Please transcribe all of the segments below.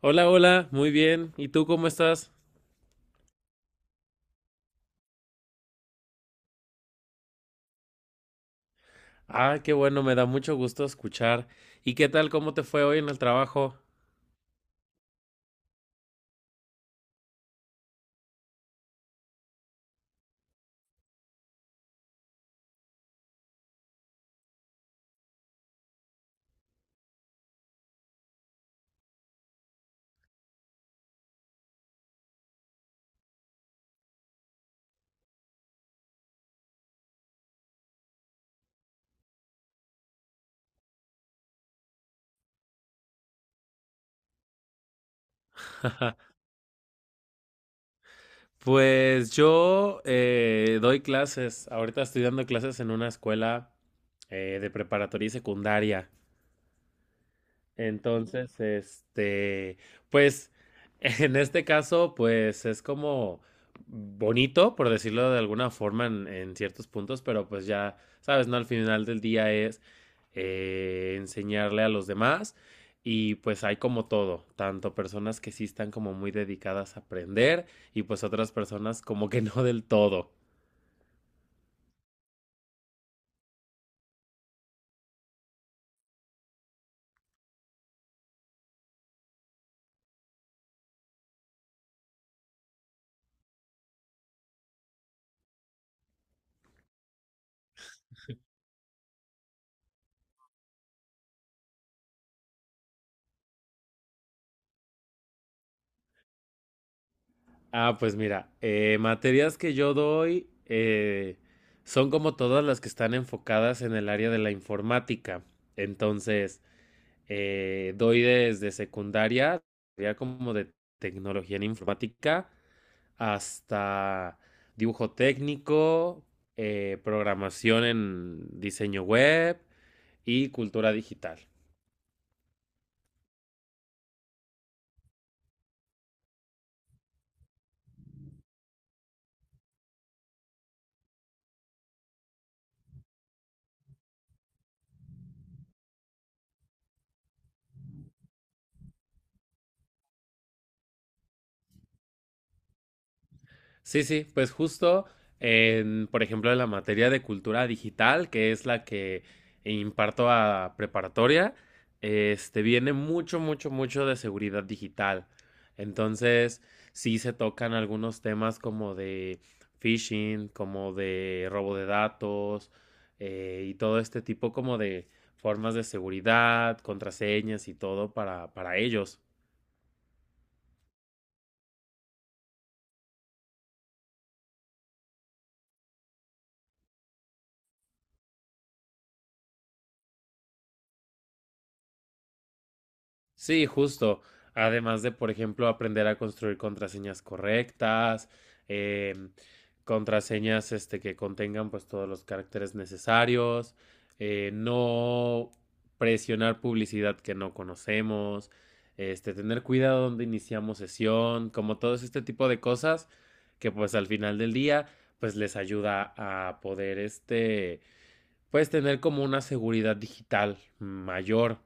Hola, hola, muy bien. ¿Y tú cómo estás? Ah, qué bueno, me da mucho gusto escuchar. ¿Y qué tal? ¿Cómo te fue hoy en el trabajo? Pues yo doy clases. Ahorita estoy dando clases en una escuela de preparatoria y secundaria. Entonces, pues en este caso, pues es como bonito, por decirlo de alguna forma, en ciertos puntos, pero pues ya, sabes, ¿no? Al final del día es enseñarle a los demás y pues hay como todo, tanto personas que sí están como muy dedicadas a aprender y pues otras personas como que no del todo. Ah, pues mira, materias que yo doy son como todas las que están enfocadas en el área de la informática. Entonces, doy desde secundaria, sería como de tecnología en informática, hasta dibujo técnico, programación en diseño web y cultura digital. Sí, sí, pues justo en, por ejemplo, en la materia de cultura digital, que es la que imparto a preparatoria, este viene mucho, mucho, mucho de seguridad digital. Entonces, sí se tocan algunos temas como de phishing, como de robo de datos, y todo este tipo como de formas de seguridad, contraseñas y todo para ellos. Sí, justo. Además de, por ejemplo, aprender a construir contraseñas correctas, em, contraseñas este, que contengan pues todos los caracteres necesarios, no presionar publicidad que no conocemos, este, tener cuidado donde iniciamos sesión, como todos este tipo de cosas que pues al final del día pues les ayuda a poder este pues tener como una seguridad digital mayor.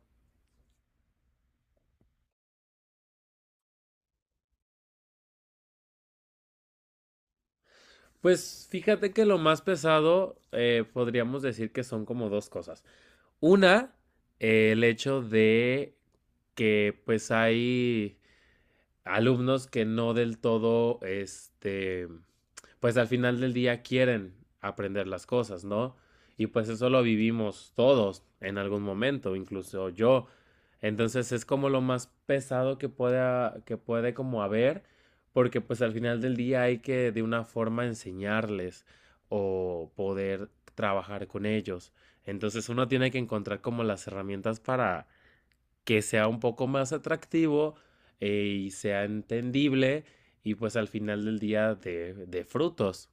Pues fíjate que lo más pesado podríamos decir que son como dos cosas. Una, el hecho de que pues hay alumnos que no del todo, este, pues al final del día quieren aprender las cosas, ¿no? Y pues eso lo vivimos todos en algún momento, incluso yo. Entonces es como lo más pesado que pueda, que puede como haber, porque pues al final del día hay que de una forma enseñarles o poder trabajar con ellos. Entonces uno tiene que encontrar como las herramientas para, que sea un poco más atractivo y sea entendible y pues al final del día de frutos.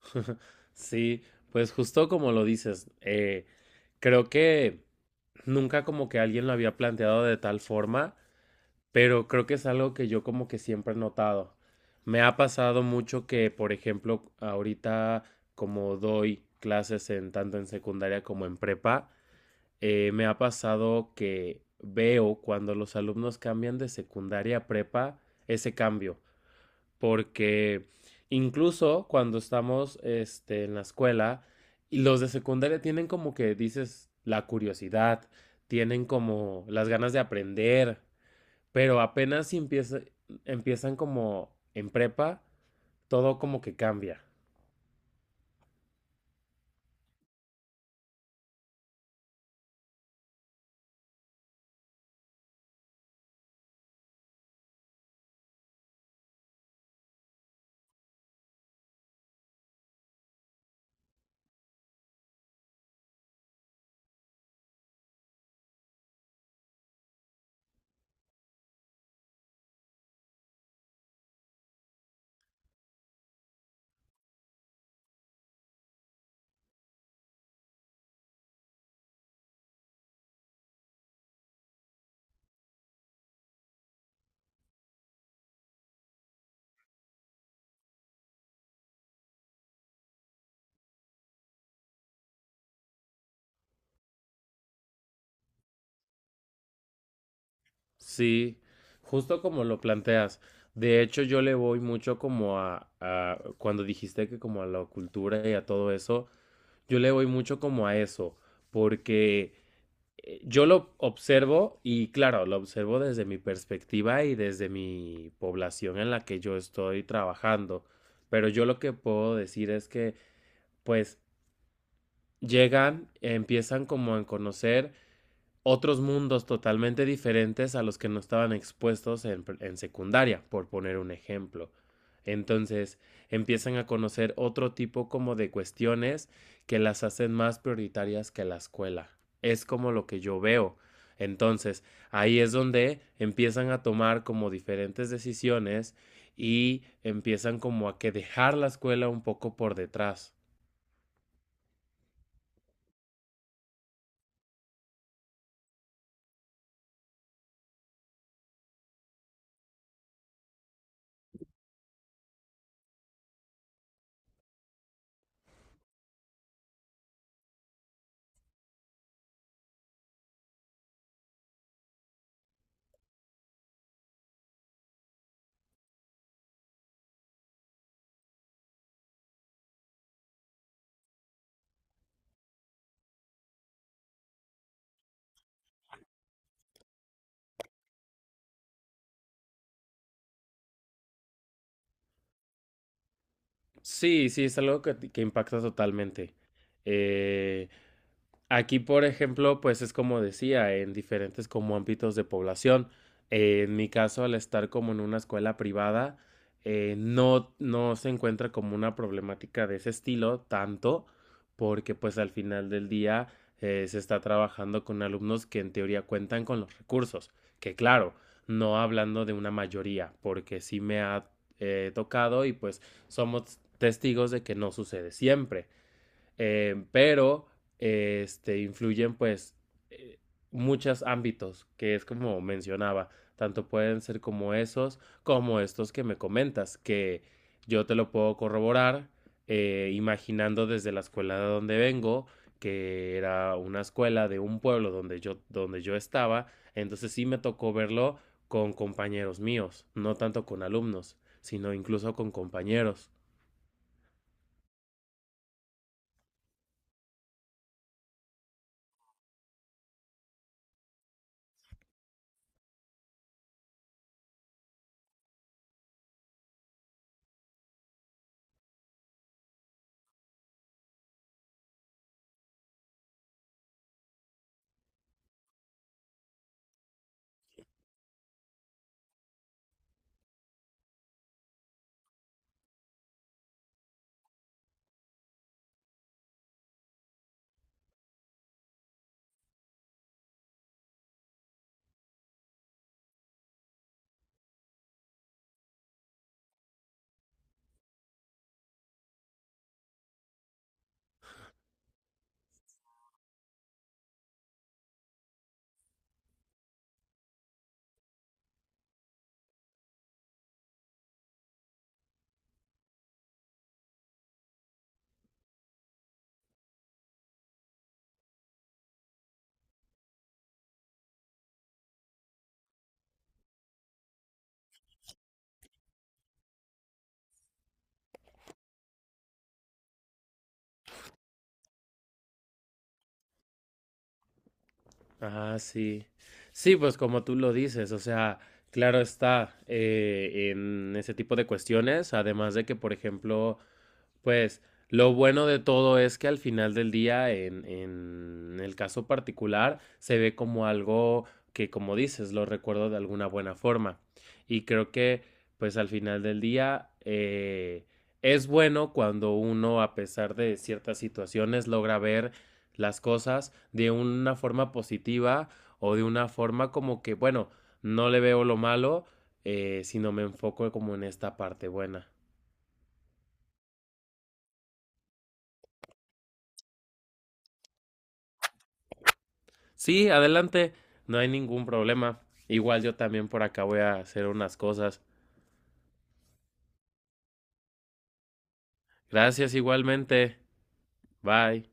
Sí, pues justo como lo dices, creo que nunca como que alguien lo había planteado de tal forma, pero creo que es algo que yo como que siempre he notado. Me ha pasado mucho que, por ejemplo, ahorita como doy clases en tanto en secundaria como en prepa, me ha pasado que veo cuando los alumnos cambian de secundaria a prepa ese cambio, porque incluso cuando estamos este, en la escuela, y los de secundaria tienen como que dices la curiosidad, tienen como las ganas de aprender, pero apenas si empieza- empiezan como en prepa, todo como que cambia. Sí, justo como lo planteas. De hecho, yo le voy mucho como cuando dijiste que como a la cultura y a todo eso, yo le voy mucho como a eso, porque yo lo observo y claro, lo observo desde mi perspectiva y desde mi población en la que yo estoy trabajando, pero yo lo que puedo decir es que pues llegan, empiezan como a conocer otros mundos totalmente diferentes a los que no estaban expuestos en secundaria, por poner un ejemplo. Entonces empiezan a conocer otro tipo como de cuestiones que las hacen más prioritarias que la escuela. Es como lo que yo veo. Entonces ahí es donde empiezan a tomar como diferentes decisiones y empiezan como a que dejar la escuela un poco por detrás. Sí, sí, es algo que impacta totalmente. Eh, Aquí, por ejemplo, pues es como decía, en diferentes como ámbitos de población. En mi caso, al estar como en una escuela privada, no se encuentra como una problemática de ese estilo tanto, porque pues al final del día se está trabajando con alumnos que en teoría cuentan con los recursos, que claro, no hablando de una mayoría, porque sí me ha tocado y pues somos testigos de que no sucede siempre pero este, influyen pues eh, muchos ámbitos, que es como mencionaba, tanto pueden ser como esos, como estos que me comentas, que yo te lo puedo corroborar imaginando desde la escuela de donde vengo, que era una escuela de un pueblo donde yo estaba, entonces sí me tocó verlo con compañeros míos, no tanto con alumnos, sino incluso con compañeros. Ah, sí. Sí, pues como tú lo dices, o sea, claro está en ese tipo de cuestiones, además de que, por ejemplo, pues lo bueno de todo es que al final del día, en el caso particular, se ve como algo que, como dices, lo recuerdo de alguna buena forma. Y creo que, pues al final del día, es bueno cuando uno, a pesar de ciertas situaciones, logra ver las cosas de una forma positiva o de una forma como que, bueno, no le veo lo malo, sino me enfoco como en esta parte buena. Sí, adelante, no hay ningún problema. Igual yo también por acá voy a hacer unas cosas. Gracias igualmente. Bye.